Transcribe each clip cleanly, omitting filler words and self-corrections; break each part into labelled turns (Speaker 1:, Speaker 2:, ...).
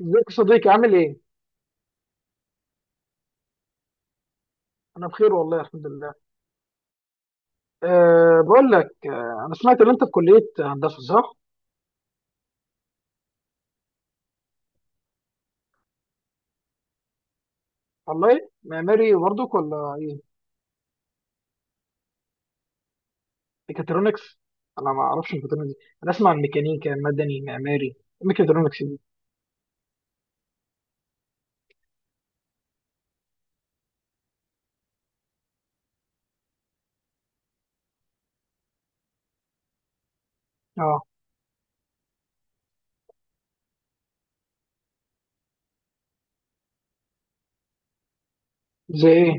Speaker 1: ازيك يا صديقي؟ عامل ايه؟ انا بخير والله الحمد لله. بقول لك، انا سمعت ان انت في كلية هندسة، صح؟ والله معماري برضك ولا ايه؟ ميكاترونكس؟ انا ما اعرفش الميكاترونكس دي. انا اسمع عن ميكانيكا، مدني، معماري. ميكاترونكس دي. اه، زي ايه؟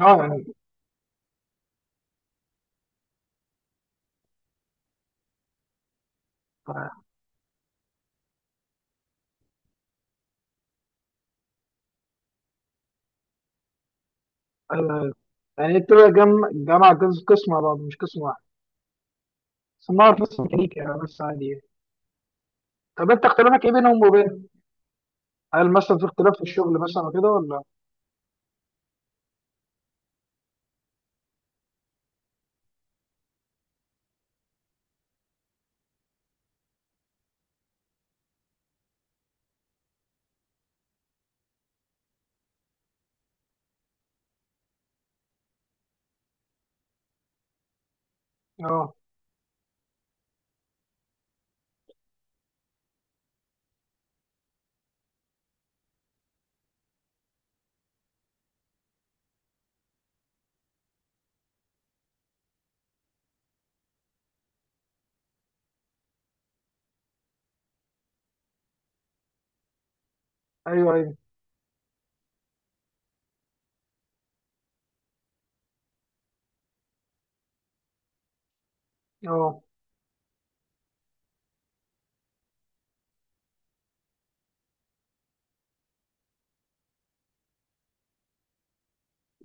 Speaker 1: اه، يعني أه يعني انت بقى جامعة، جزء قسم على بعض، مش قسم واحد. بس انا اعرف بس ميكانيكا يعني، بس عادي يعني. طب انت اختلافك ايه بينهم وبين؟ هل مثلا في اختلاف في الشغل مثلا وكده ولا؟ اه، ايوه ايوه اه.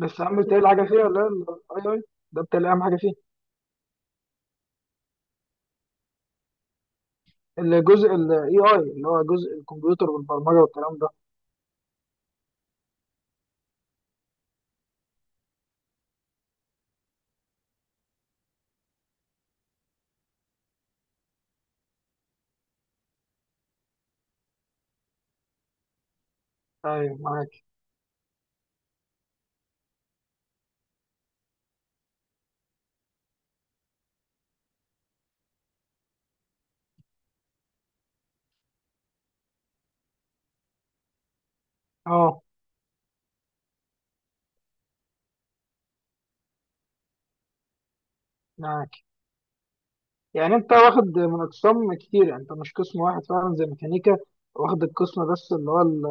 Speaker 1: بس عم بيتهيألي حاجة فيها، ولا الاي اي ده بيتهيألي أهم حاجة فيه؟ الجزء الاي اي اللي هو جزء الكمبيوتر والبرمجة والكلام ده. أيوه، معاك. أه معاك. يعني أنت واخد من أقسام كتير، يعني أنت مش قسم واحد فعلا زي ميكانيكا واخد القسم بس اللي هو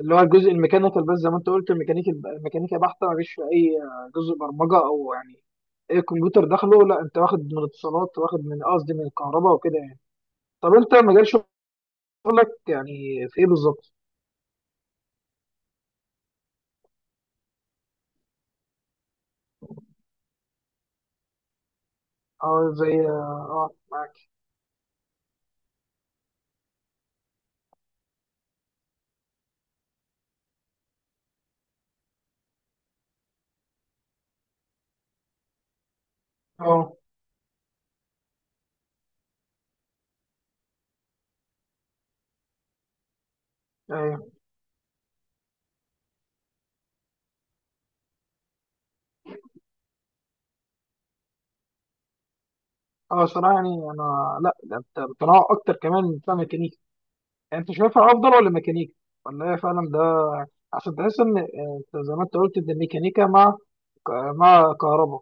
Speaker 1: اللي هو الجزء الميكانيكال بس، زي ما أنت قلت الميكانيكا بحتة مفيش في أي جزء برمجة أو يعني أي كمبيوتر داخله. لا، أنت واخد من اتصالات، واخد من، قصدي، من الكهرباء وكده يعني. طب أنت مجال شغلك يعني في إيه بالظبط؟ اه، زي اه، معاك. اه، ايوه. اه صراحة يعني انا لا، ده انت بتنوع اكتر كمان من بتاع ميكانيكا. يعني انت شايفها افضل ولا ميكانيكا؟ ولا هي فعلا ده عشان تحس ان انت زي ما انت قلت ان الميكانيكا مع ك- مع كهرباء،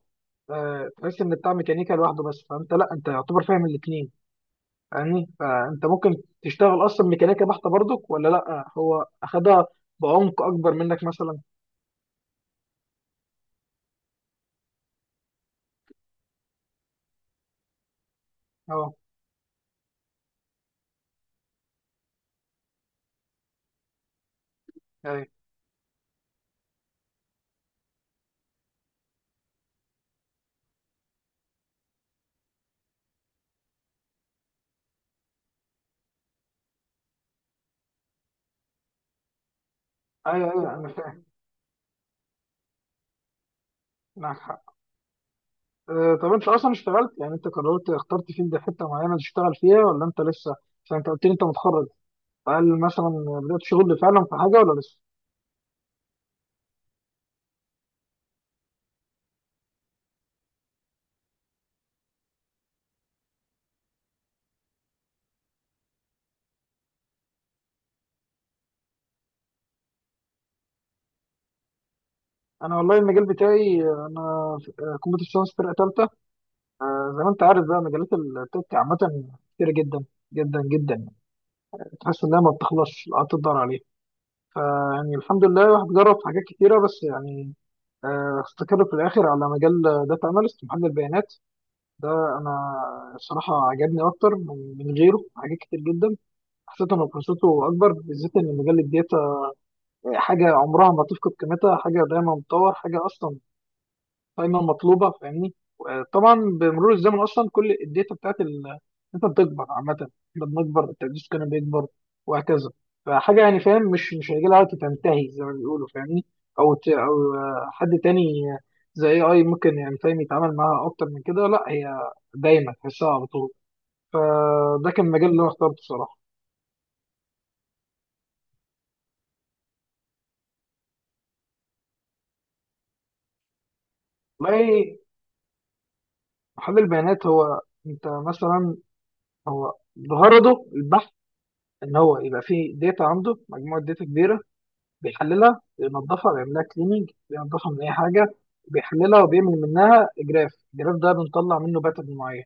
Speaker 1: تحس ان بتاع ميكانيكا لوحده بس، فانت لا، انت يعتبر فاهم الاثنين. فاهمني؟ فانت ممكن تشتغل اصلا ميكانيكا بحته برضك، ولا لا، هو اخدها بعمق اكبر منك مثلا. اه، ايوه ايوه ايوه، انا فاهم، معاك حق. طب انت اصلا اشتغلت؟ يعني انت قررت اخترت فين ده، حته معينه تشتغل فيها، ولا انت لسه؟ عشان انت قلت لي انت متخرج، فهل مثلا بدات شغل فعلا في حاجه ولا لسه؟ انا والله المجال بتاعي، انا كمبيوتر ساينس فرقه ثالثه. زي ما انت عارف بقى مجالات التك عامه كتيره جدا، جدا جدا يعني، تحس انها ما بتخلصش، لا تقدر عليها. فيعني الحمد لله الواحد جرب في حاجات كتيره، بس يعني استقر في الاخر على مجال داتا اناليست، محلل بيانات. ده انا الصراحه عجبني اكتر من غيره حاجات كتير جدا. حسيت ان فرصته اكبر، بالذات ان مجال الداتا حاجه عمرها ما تفقد قيمتها، حاجه دايما بتطور، حاجه اصلا دايما مطلوبه. فاهمني؟ طبعا بمرور الزمن اصلا كل الداتا بتاعت الداتا بتكبر عامه، احنا بنكبر، التقديس كان بيكبر، وهكذا. فحاجه يعني فاهم مش هيجي لها وقت تنتهي زي ما بيقولوا. فاهمني؟ او او حد تاني زي اي ممكن يعني فاهم يتعامل معاها اكتر من كده، لا هي دايما تحسها على طول. فده كان المجال اللي انا اخترته بصراحه. والله، محلل البيانات هو انت مثلا، هو غرضه البحث، ان هو يبقى فيه داتا عنده، مجموعه داتا كبيره، بيحللها، بينظفها، بيعملها كليننج، بينظفها من اي حاجه، بيحللها وبيعمل منها جراف، الجراف ده بنطلع منه باترن معين،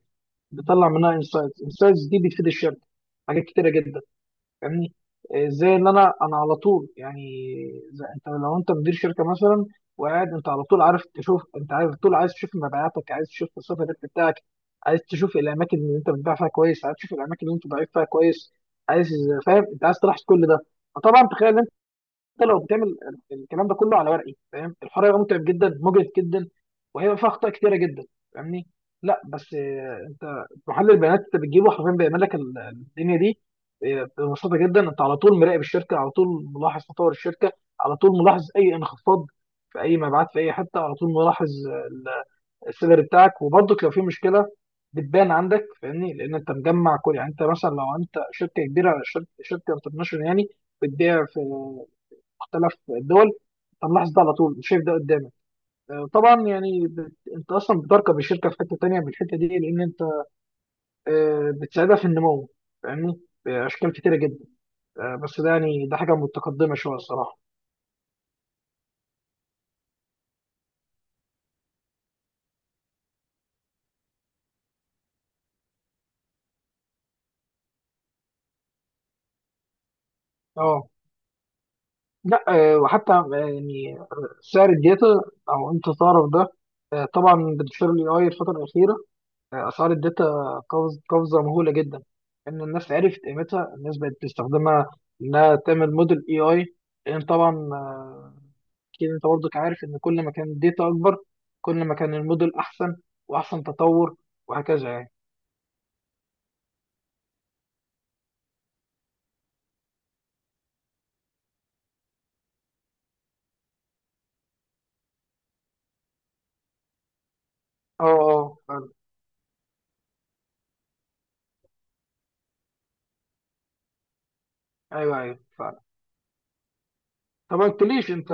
Speaker 1: بنطلع منها انسايتس، انسايتس دي بتفيد الشركه حاجات كتيره جدا. فاهمني؟ زي ان انا على طول يعني، زي انت لو انت مدير شركه مثلا، وقاعد انت على طول عارف تشوف، انت عارف طول عايز تشوف مبيعاتك، عايز تشوف مصروف الربح بتاعك، عايز تشوف الاماكن اللي انت بتبيع فيها كويس، عايز تشوف الاماكن اللي انت ضعيف فيها كويس، عايز، فاهم، انت عايز تلاحظ كل ده. فطبعا تخيل حتى لو بتعمل الكلام ده كله على ورقي، فاهم الحوار هيبقى متعب جدا، مجهد جدا، وهيبقى فيها اخطاء كتيره جدا. فاهمني؟ لا بس انت محلل البيانات انت بتجيبه حرفيا بيعمل لك الدنيا دي. ببساطه جدا، انت على طول مراقب الشركه، على طول ملاحظ تطور الشركه، على طول ملاحظ اي انخفاض في اي مبيعات في اي حته، على طول ملاحظ السيلر بتاعك، وبرضك لو في مشكله بتبان عندك. فاهمني؟ لان انت مجمع كل، يعني انت مثلا لو انت شركه كبيره، شركه انترناشونال يعني، بتبيع في مختلف الدول، طب لاحظ ده على طول، شايف ده قدامك. طبعا يعني انت اصلا بتركب الشركه في حته تانيه من الحته دي، لان انت بتساعدها في النمو. فاهمني؟ باشكال كتيره جدا. بس ده يعني ده حاجه متقدمه شويه الصراحه. اه، لا، وحتى يعني سعر الداتا او انت تعرف ده. طبعا بتشتغل الاي الفتره الاخيره، اسعار الداتا قفزه مهوله جدا، ان الناس عرفت قيمتها، الناس بقت تستخدمها انها تعمل موديل اي اي. لان طبعا اكيد انت برضك عارف ان كل ما كان الداتا اكبر، كل ما كان الموديل احسن واحسن تطور، وهكذا يعني. اه اه فعلا. ايوه ايوه فعلا. طب ما قلتليش انت،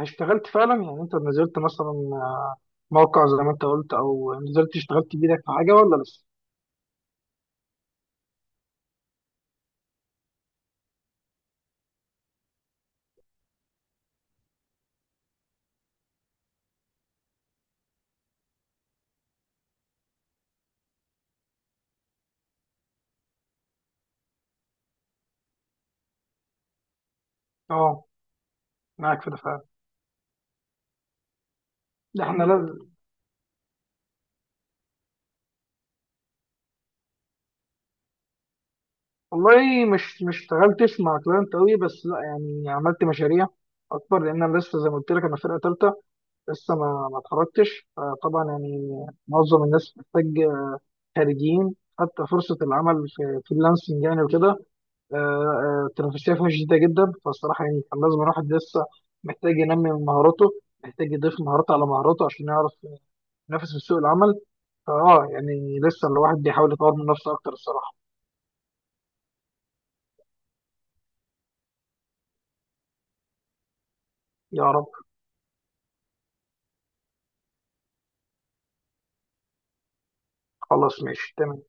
Speaker 1: اشتغلت فعلا؟ يعني انت نزلت مثلا موقع زي ما انت قلت، او نزلت اشتغلت بايدك في حاجه ولا لسه؟ اه، معاك في ده فعلا، ده احنا لازم. والله مش اشتغلتش مع كلاينت قوي، بس لا يعني عملت مشاريع اكبر، لان انا لسه زي ما قلت لك انا فرقه ثالثه، لسه ما اتخرجتش، فطبعا يعني معظم الناس محتاج، خارجين حتى فرصه العمل في فريلانسنج يعني وكده. التنافسيه فيها شديده جدا، فالصراحه يعني كان لازم الواحد لسه محتاج ينمي من مهاراته، محتاج يضيف مهارات على مهاراته عشان يعرف ينافس في سوق العمل. فاه يعني لسه الواحد بيحاول يطور من نفسه اكتر الصراحه. يا رب. خلاص ماشي، تمام.